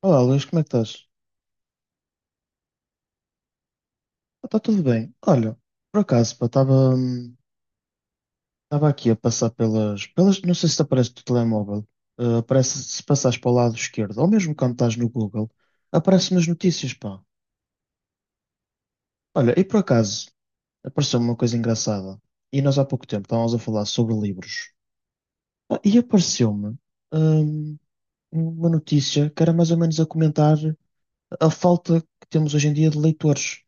Olá, Luís, como é que estás? Está tudo bem. Olha, por acaso, pá, estava aqui a passar pelas. Não sei se te aparece no telemóvel. Aparece, se passares para o lado esquerdo, ou mesmo quando estás no Google, aparecem as notícias, pá. Olha, e por acaso, apareceu-me uma coisa engraçada. E nós há pouco tempo estávamos a falar sobre livros. Ah, e apareceu-me, hum, uma notícia que era mais ou menos a comentar a falta que temos hoje em dia de leitores.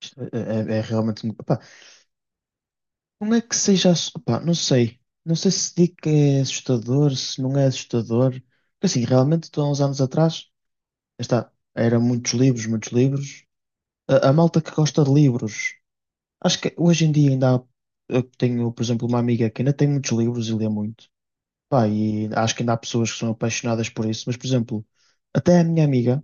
Isto é realmente. Não é que seja. Opá, não sei. Não sei se digo que é assustador, se não é assustador. Porque assim, realmente, estou há uns anos atrás, lá está, era muitos livros, muitos livros. A malta que gosta de livros. Acho que hoje em dia ainda há. Eu tenho, por exemplo, uma amiga que ainda tem muitos livros e lê muito. Pá, e acho que ainda há pessoas que são apaixonadas por isso. Mas, por exemplo, até a minha amiga,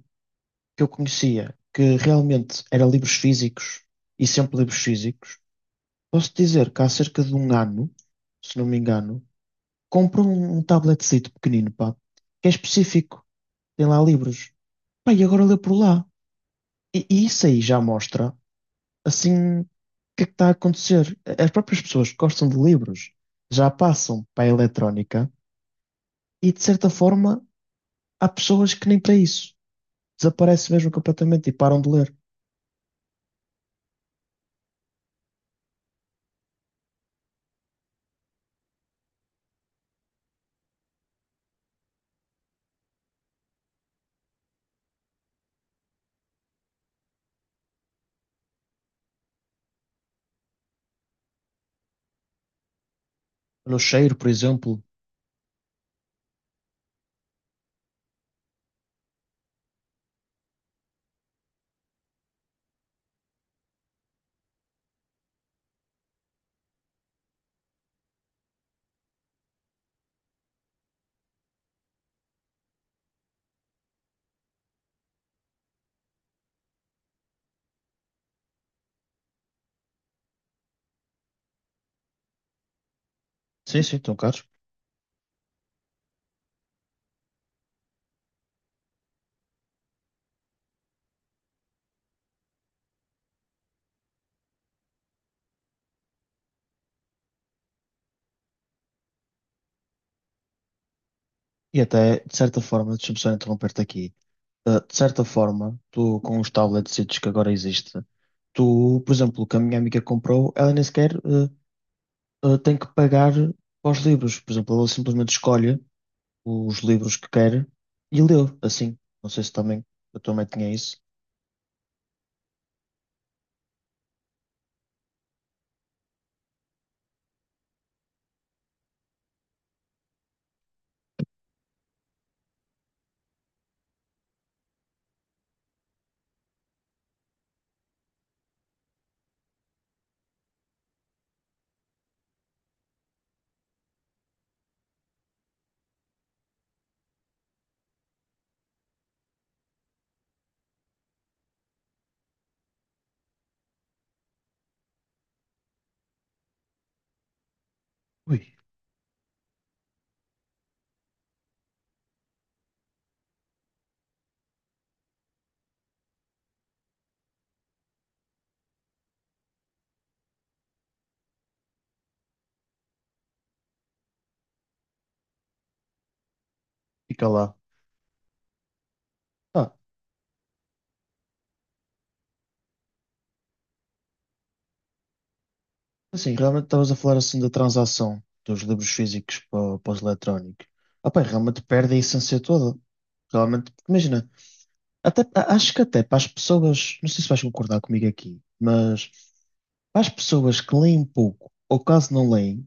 que eu conhecia, que realmente era livros físicos e sempre livros físicos, posso dizer que há cerca de um ano, se não me engano. Compra um tabletzinho pequenino, pá, que é específico, tem lá livros. Pá, e agora lê por lá. E isso aí já mostra, assim, o que é que está a acontecer. As próprias pessoas que gostam de livros já passam para a eletrónica e, de certa forma, há pessoas que nem para isso. Desaparecem mesmo completamente e param de ler. No cheiro, por exemplo. Sim, sim, estão caros. E até, de certa forma, deixa-me só interromper-te aqui. De certa forma, tu com os tablets que agora existe, tu, por exemplo, o que a minha amiga comprou, ela nem sequer tem que pagar para os livros. Por exemplo, ela simplesmente escolhe os livros que quer e lê assim. Não sei se também a tua mãe tinha isso. Ui, fica lá. Ah, assim, realmente estavas a falar assim da transação dos livros físicos para os eletrónicos. Ah, pá, realmente perde a essência toda. Realmente, porque imagina, até, a- acho que até para as pessoas, não sei se vais concordar comigo aqui, mas para as pessoas que leem pouco ou quase não leem,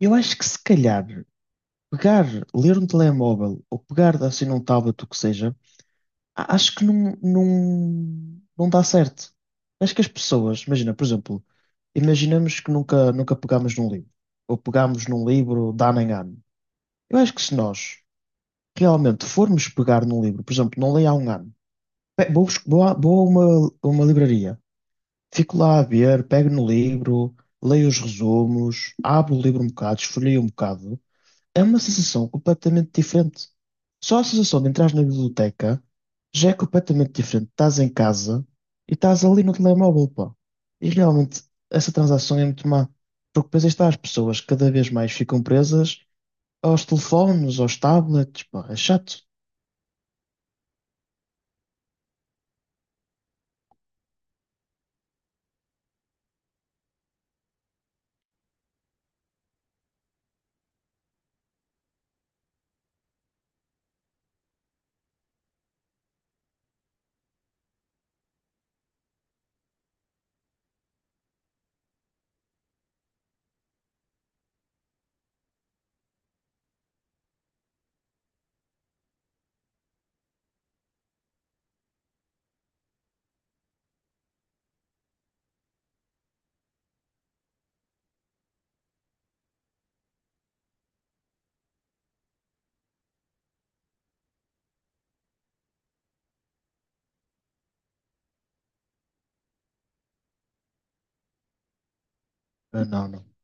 eu acho que se calhar pegar, ler um telemóvel ou pegar assim num tablet, o que seja, a- acho que não dá certo. Acho que as pessoas, imagina, por exemplo, imaginamos que nunca pegámos num livro, ou pegámos num livro de ano em ano. Eu acho que se nós realmente formos pegar num livro, por exemplo, não leio há um ano, vou a uma livraria. Fico lá a ver, pego no livro, leio os resumos, abro o livro um bocado, esfolio um bocado. É uma sensação completamente diferente. Só a sensação de entrar na biblioteca já é completamente diferente. Estás em casa e estás ali no telemóvel, pá. E realmente essa transação é muito má. Porque depois aí está, as pessoas cada vez mais ficam presas aos telefones, aos tablets, pá. É chato. Ah, não, não.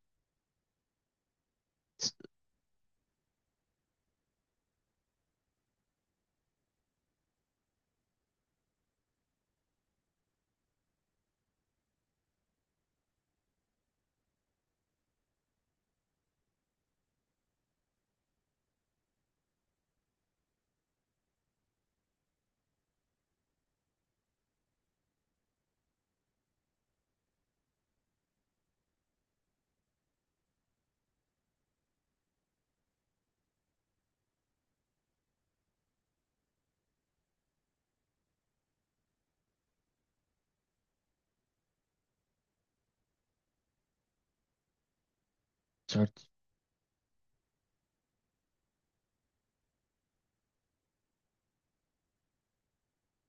Certo.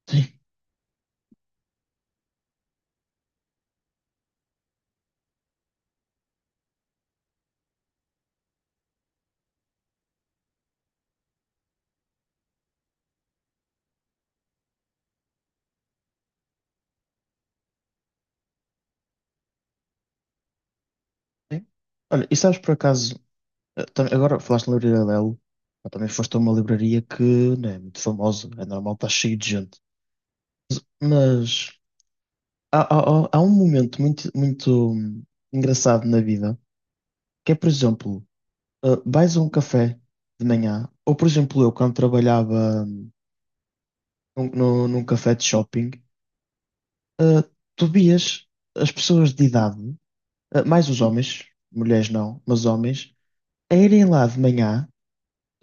Sim. Sim. Olha, e sabes por acaso agora falaste na livraria Lelo, mas também foste a uma livraria que não é muito famosa, é normal, está cheio de gente. Mas há, há um momento muito engraçado na vida, que é, por exemplo, vais a um café de manhã, ou por exemplo, eu quando trabalhava num café de shopping, tu vias as pessoas de idade, mais os homens, mulheres não, mas homens, a irem lá de manhã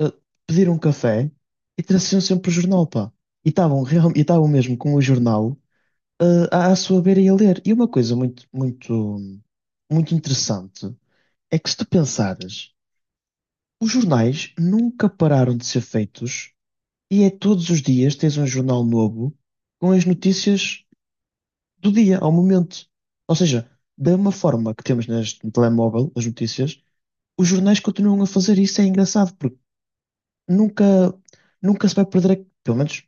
uh, pedir um café e traziam sempre o jornal, pá. E estavam mesmo com o jornal à, à sua beira e a ler. E uma coisa muito interessante é que se tu pensares, os jornais nunca pararam de ser feitos e é todos os dias tens um jornal novo com as notícias do dia, ao momento. Ou seja, da mesma forma que temos neste no telemóvel as notícias, os jornais continuam a fazer isso, é engraçado, porque nunca nunca se vai perder, pelo menos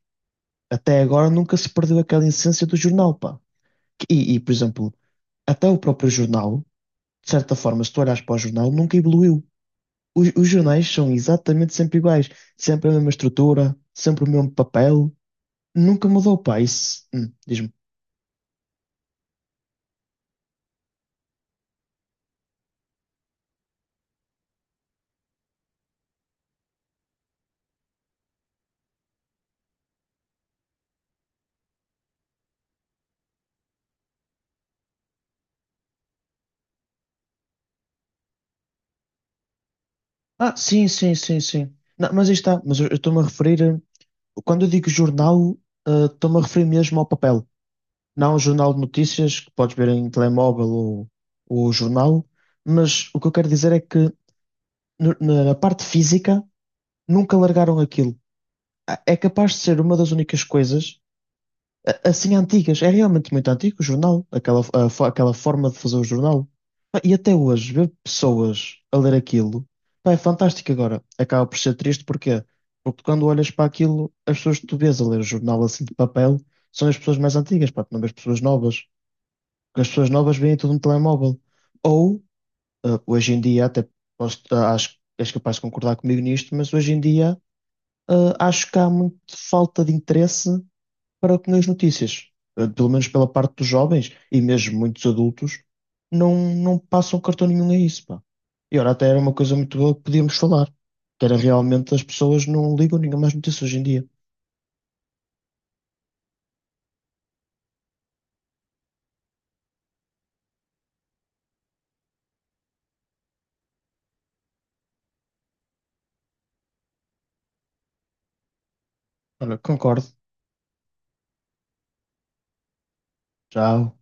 até agora nunca se perdeu aquela essência do jornal, pá. Por exemplo, até o próprio jornal, de certa forma, se tu olhares para o jornal, nunca evoluiu. Os jornais são exatamente sempre iguais, sempre a mesma estrutura, sempre o mesmo papel, nunca mudou, pá. Isso diz-me. Ah, sim, sim, sim, sim. Não, mas aí está, mas eu estou-me a referir, a- quando eu digo jornal, ah, estou-me a referir mesmo ao papel. Não um jornal de notícias que podes ver em telemóvel ou jornal, mas o que eu quero dizer é que na parte física, nunca largaram aquilo. A- É capaz de ser uma das únicas coisas assim antigas. É realmente muito antigo o jornal, aquela forma de fazer o jornal. Pá, e até hoje, ver pessoas a ler aquilo, pá, é fantástico agora. Acaba por ser triste, porquê? Porque quando olhas para aquilo, as pessoas que tu vês a ler o jornal assim de papel são as pessoas mais antigas, pá, tu não vês pessoas novas. Porque as pessoas novas veem tudo no telemóvel. Ou hoje em dia, até acho que és capaz de concordar comigo nisto, mas hoje em dia, acho que há muita falta de interesse para com as notícias. Pelo menos pela parte dos jovens e mesmo muitos adultos, não passam cartão nenhum a isso, pá. E ora, até era uma coisa muito boa que podíamos falar, que era realmente as pessoas não ligam nenhuma mais notícias hoje em dia. Olha, concordo. Tchau.